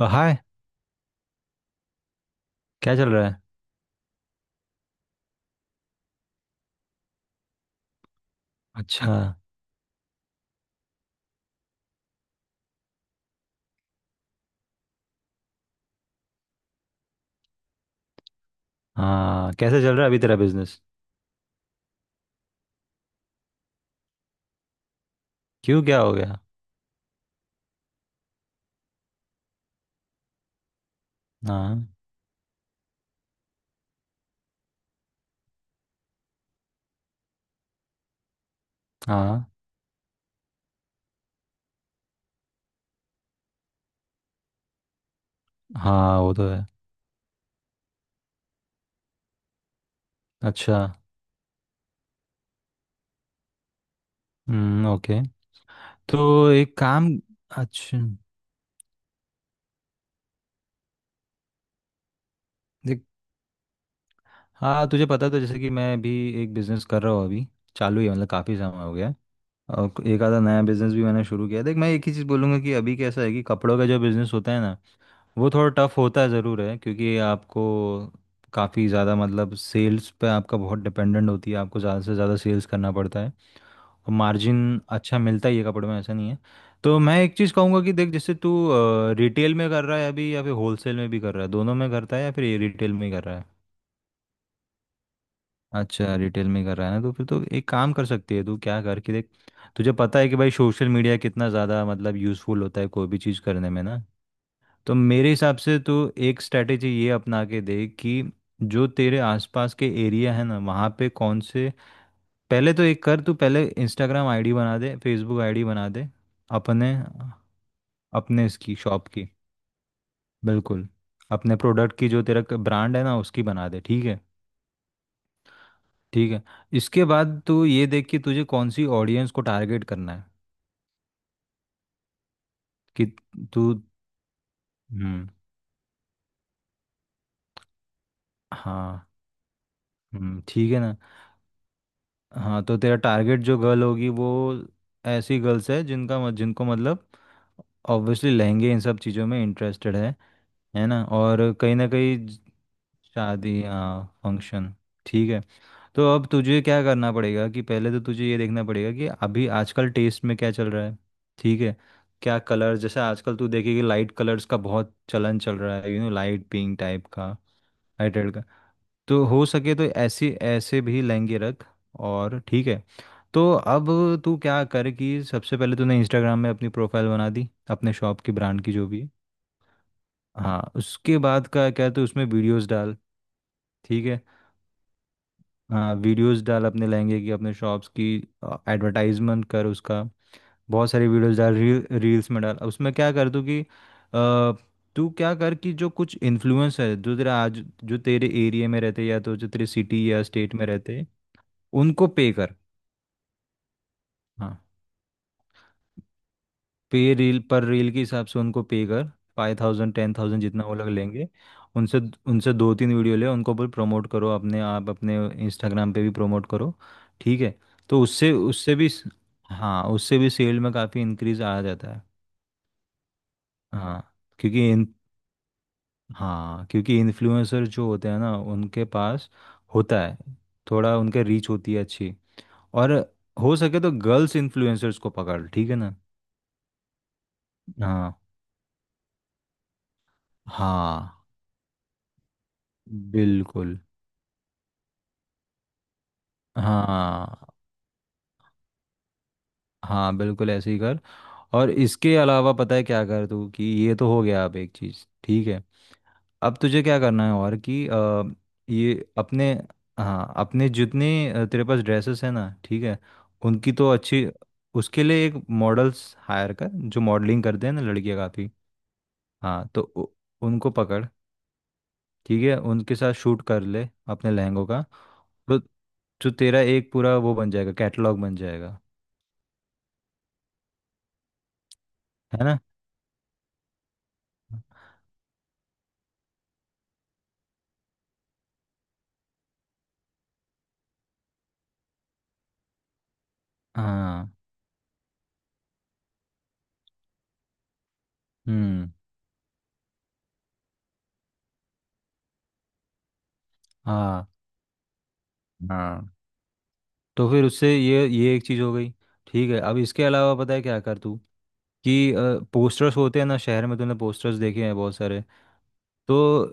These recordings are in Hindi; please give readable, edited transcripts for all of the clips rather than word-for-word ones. हाय। क्या चल रहा है। अच्छा। हाँ कैसे चल रहा है अभी तेरा बिजनेस। क्यों क्या हो गया। हाँ हाँ हाँ वो तो है। अच्छा ओके। तो एक काम। अच्छा देख। हाँ तुझे पता है, तो जैसे कि मैं भी एक बिजनेस कर रहा हूँ अभी चालू ही है, मतलब काफ़ी समय हो गया है। और एक आधा नया बिजनेस भी मैंने शुरू किया है। देख मैं एक ही चीज़ बोलूँगा कि अभी कैसा है कि कपड़ों का जो बिजनेस होता है ना वो थोड़ा टफ होता है ज़रूर है क्योंकि आपको काफ़ी ज़्यादा मतलब सेल्स पे आपका बहुत डिपेंडेंट होती है आपको ज़्यादा से ज़्यादा सेल्स करना पड़ता है। और मार्जिन अच्छा मिलता ही है कपड़े में ऐसा नहीं है। तो मैं एक चीज़ कहूँगा कि देख जैसे तू रिटेल में कर रहा है अभी या फिर होलसेल में भी कर रहा है दोनों में करता है या फिर रिटेल में ही कर रहा है। अच्छा रिटेल में कर रहा है ना तो फिर तो एक काम कर सकती है तू क्या कर कि देख तुझे पता है कि भाई सोशल मीडिया कितना ज़्यादा मतलब यूज़फुल होता है कोई भी चीज़ करने में ना। तो मेरे हिसाब से तो एक स्ट्रैटेजी ये अपना के देख कि जो तेरे आसपास के एरिया है ना वहाँ पे कौन से। पहले तो एक कर तू पहले इंस्टाग्राम आईडी बना दे फेसबुक आईडी बना दे अपने अपने इसकी शॉप की। बिल्कुल अपने प्रोडक्ट की जो तेरा ब्रांड है ना उसकी बना दे ठीक है ठीक है। इसके बाद तू ये देख कि तुझे कौन सी ऑडियंस को टारगेट करना है कि तू। हम्म। हाँ ठीक है ना। हाँ तो तेरा टारगेट जो गर्ल होगी वो ऐसी गर्ल्स है जिनका जिनको मतलब ऑब्वियसली लहंगे इन सब चीज़ों में इंटरेस्टेड है। है ना और कहीं ना कहीं शादी हाँ फंक्शन ठीक है। तो अब तुझे क्या करना पड़ेगा कि पहले तो तुझे ये देखना पड़ेगा कि अभी आजकल टेस्ट में क्या चल रहा है ठीक है। क्या कलर जैसे आजकल तू देखेगी लाइट कलर्स का बहुत चलन चल रहा है लाइट पिंक टाइप का। लाइट तो हो सके तो ऐसे ऐसे भी लहंगे रख और ठीक है। तो अब तू क्या कर कि सबसे पहले तूने इंस्टाग्राम में अपनी प्रोफाइल बना दी अपने शॉप की ब्रांड की जो भी है। हाँ उसके बाद का क्या है तो उसमें वीडियोस डाल ठीक है। हाँ वीडियोस डाल अपने लहंगे की अपने शॉप्स की एडवर्टाइजमेंट कर उसका। बहुत सारी वीडियोस डाल रील रील्स में डाल उसमें क्या कर तू कि तू क्या कर कि जो कुछ इन्फ्लुएंसर है जो तेरा आज जो तेरे एरिया में रहते या तो जो तेरे सिटी या स्टेट में रहते उनको पे कर। हाँ पे रील पर रील के हिसाब से उनको पे कर 5,000 10,000 जितना वो लोग लेंगे उनसे उनसे दो तीन वीडियो ले उनको भी प्रमोट करो अपने आप अपने इंस्टाग्राम पे भी प्रमोट करो ठीक है। तो उससे उससे भी हाँ उससे भी सेल में काफ़ी इंक्रीज आ जाता है। हाँ क्योंकि इन हाँ क्योंकि इन्फ्लुएंसर जो होते हैं ना उनके पास होता है थोड़ा उनके रीच होती है अच्छी। और हो सके तो गर्ल्स इन्फ्लुएंसर्स को पकड़ ठीक है ना। हाँ हाँ बिल्कुल। हाँ हाँ बिल्कुल ऐसे ही कर। और इसके अलावा पता है क्या कर तू कि ये तो हो गया अब एक चीज़ ठीक है। अब तुझे क्या करना है और कि ये अपने। हाँ अपने जितने तेरे पास ड्रेसेस है ना ठीक है उनकी तो अच्छी उसके लिए एक मॉडल्स हायर कर जो मॉडलिंग करते हैं ना लड़कियाँ काफ़ी। हाँ तो उनको पकड़ ठीक है उनके साथ शूट कर ले अपने लहंगों का। तो जो तेरा एक पूरा वो बन जाएगा कैटलॉग बन जाएगा है ना। हाँ हम्म। हाँ हाँ तो फिर उससे ये एक चीज़ हो गई ठीक है। अब इसके अलावा पता है क्या कर तू कि पोस्टर्स होते हैं ना शहर में तूने पोस्टर्स देखे हैं बहुत सारे तो।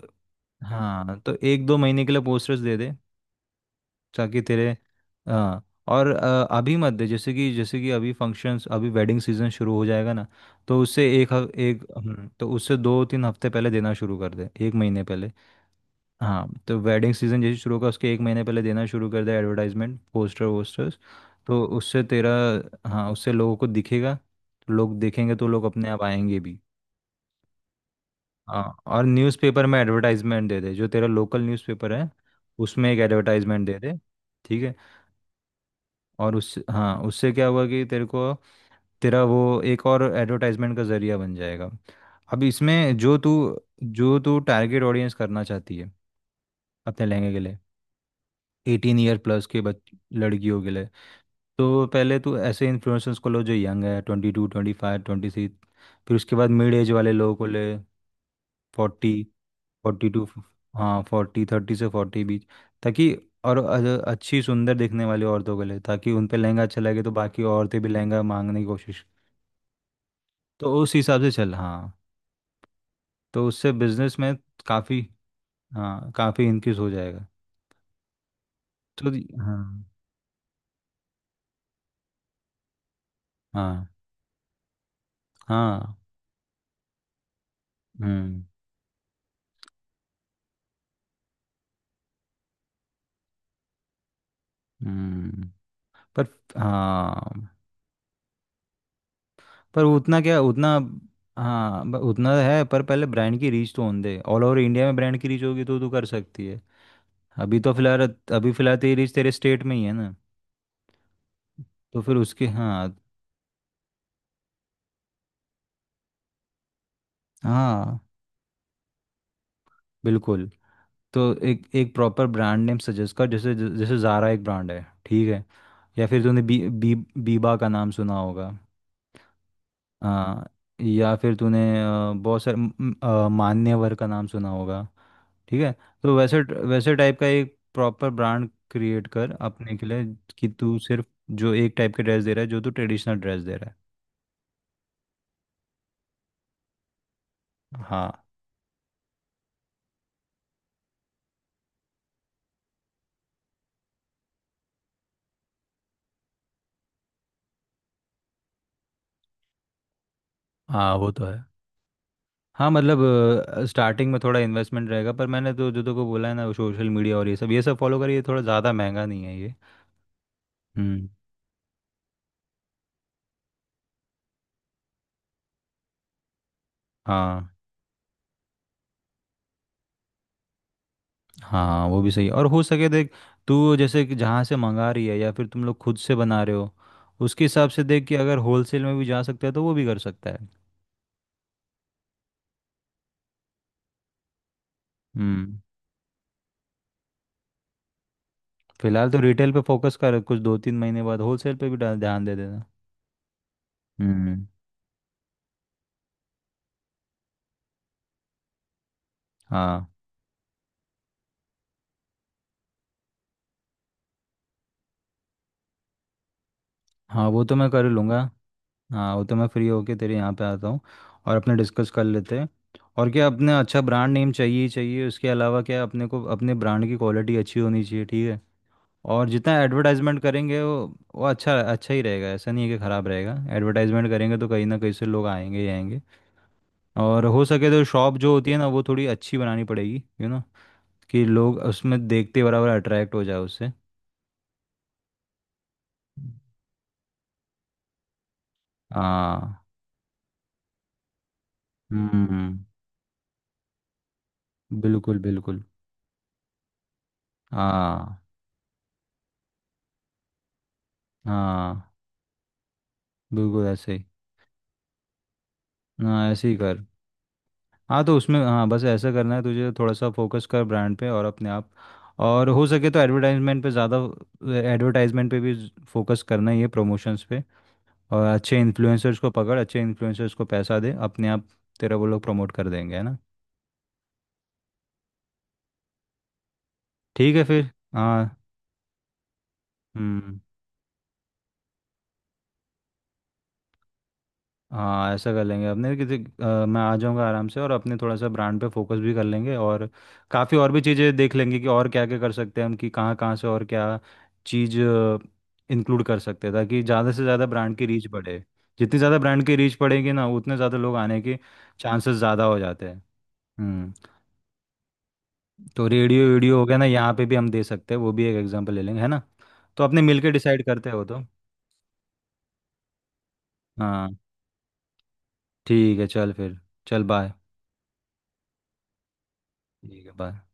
हाँ तो एक दो महीने के लिए पोस्टर्स दे दे ताकि तेरे। हाँ और अभी मत दे जैसे कि अभी फंक्शंस अभी वेडिंग सीजन शुरू हो जाएगा ना। तो उससे एक ह- एक तो उससे दो तीन हफ्ते पहले देना शुरू कर दे एक महीने पहले। हाँ तो वेडिंग सीजन जैसे शुरू होगा उसके एक महीने पहले देना शुरू कर दे एडवर्टाइजमेंट पोस्टर वोस्टर्स। तो उससे तेरा। हाँ उससे लोगों को दिखेगा तो लोग देखेंगे तो लोग अपने आप आएंगे भी। हाँ और न्यूज़पेपर में एडवर्टाइजमेंट दे दे जो तेरा लोकल न्यूज़पेपर है उसमें एक एडवर्टाइजमेंट दे दे ठीक है। और उस हाँ उससे क्या हुआ कि तेरे को तेरा वो एक और एडवर्टाइजमेंट का जरिया बन जाएगा। अब इसमें जो तू टारगेट ऑडियंस करना चाहती है अपने लहंगे के लिए 18 ईयर प्लस के बच लड़कियों के लिए। तो पहले तू ऐसे इन्फ्लुएंसर्स को लो जो यंग है 22 25 26। फिर उसके बाद मिड एज वाले लोगों को ले 40 42। हाँ फोर्टी 30 से 40 बीच ताकि और अच्छी सुंदर दिखने वाली औरतों के लिए ताकि उन पे लहंगा अच्छा लगे तो बाकी औरतें भी लहंगा मांगने की कोशिश। तो उस हिसाब से चल। हाँ तो उससे बिजनेस में काफ़ी। हाँ काफ़ी इंक्रीज हो जाएगा। तो हाँ। हाँ हाँ। हम्म हम्म। पर हाँ पर उतना क्या उतना। हाँ उतना है पर पहले ब्रांड की रीच तो होने दे ऑल ओवर इंडिया में ब्रांड की रीच होगी तो तू कर सकती है। अभी तो फिलहाल अभी फिलहाल तेरी रीच तेरे स्टेट में ही है ना। तो फिर उसके। हाँ हाँ बिल्कुल। तो एक एक प्रॉपर ब्रांड नेम सजेस्ट कर जैसे जैसे ज़ारा एक ब्रांड है ठीक है। या फिर तूने बी बी बीबा का नाम सुना होगा। हाँ या फिर तूने बहुत सारे मान्यवर का नाम सुना होगा ठीक है। तो वैसे वैसे टाइप का एक प्रॉपर ब्रांड क्रिएट कर अपने के लिए कि तू सिर्फ जो एक टाइप के ड्रेस दे रहा है जो तू ट्रेडिशनल ड्रेस दे रहा है। हाँ हाँ वो तो है। हाँ मतलब स्टार्टिंग में थोड़ा इन्वेस्टमेंट रहेगा पर मैंने तो जो को बोला है ना सोशल मीडिया और ये सब फॉलो करिए थोड़ा ज़्यादा महंगा नहीं है ये। हम्म। हाँ हाँ वो भी सही है और हो सके देख तू जैसे कि जहाँ से मंगा रही है या फिर तुम लोग खुद से बना रहे हो उसके हिसाब से देख कि अगर होलसेल में भी जा सकता है तो वो भी कर सकता है। हम्म फिलहाल तो रिटेल पे फोकस कर कुछ दो तीन महीने बाद होलसेल पे भी ध्यान दे देना। हम्म। हाँ हाँ वो तो मैं कर लूँगा। हाँ वो तो मैं फ्री होके तेरे यहाँ पे आता हूँ और अपने डिस्कस कर लेते हैं। और क्या अपने अच्छा ब्रांड नेम चाहिए ही चाहिए उसके अलावा क्या अपने को अपने ब्रांड की क्वालिटी अच्छी होनी चाहिए ठीक है। और जितना एडवर्टाइजमेंट करेंगे वो अच्छा अच्छा ही रहेगा ऐसा नहीं है कि ख़राब रहेगा एडवर्टाइजमेंट करेंगे तो कहीं ना कहीं से लोग आएंगे ही आएंगे। और हो सके तो शॉप जो होती है ना वो थोड़ी अच्छी बनानी पड़ेगी कि लोग उसमें देखते बराबर अट्रैक्ट हो जाए उससे। हाँ हम्म बिल्कुल बिल्कुल। हाँ हाँ बिल्कुल ऐसे ही। हाँ ऐसे ही कर। हाँ तो उसमें हाँ बस ऐसा करना है तुझे थोड़ा सा फोकस कर ब्रांड पे और अपने आप। और हो सके तो एडवर्टाइजमेंट पे ज़्यादा एडवर्टाइजमेंट पे भी फोकस करना ही है प्रमोशंस पे। और अच्छे इन्फ्लुएंसर्स को पकड़ अच्छे इन्फ्लुएंसर्स को पैसा दे अपने आप तेरा वो लोग प्रमोट कर देंगे है ना। ठीक है फिर। हाँ हम्म। हाँ ऐसा कर लेंगे अपने किसी मैं आ जाऊँगा आराम से और अपने थोड़ा सा ब्रांड पे फोकस भी कर लेंगे और काफ़ी और भी चीज़ें देख लेंगे कि और क्या क्या कर सकते हैं हम कि कहाँ कहाँ से और क्या चीज़ इंक्लूड कर सकते हैं ताकि ज़्यादा से ज़्यादा ब्रांड की रीच बढ़े। जितनी ज़्यादा ब्रांड की रीच बढ़ेगी ना उतने ज़्यादा लोग आने के चांसेस ज़्यादा हो जाते हैं। हम्म तो रेडियो वीडियो हो गया ना यहाँ पे भी हम दे सकते हैं वो भी एक एग्जांपल ले लेंगे है ना। तो अपने मिलके डिसाइड करते हो तो। हाँ ठीक है चल फिर। चल बाय। ठीक है बाय।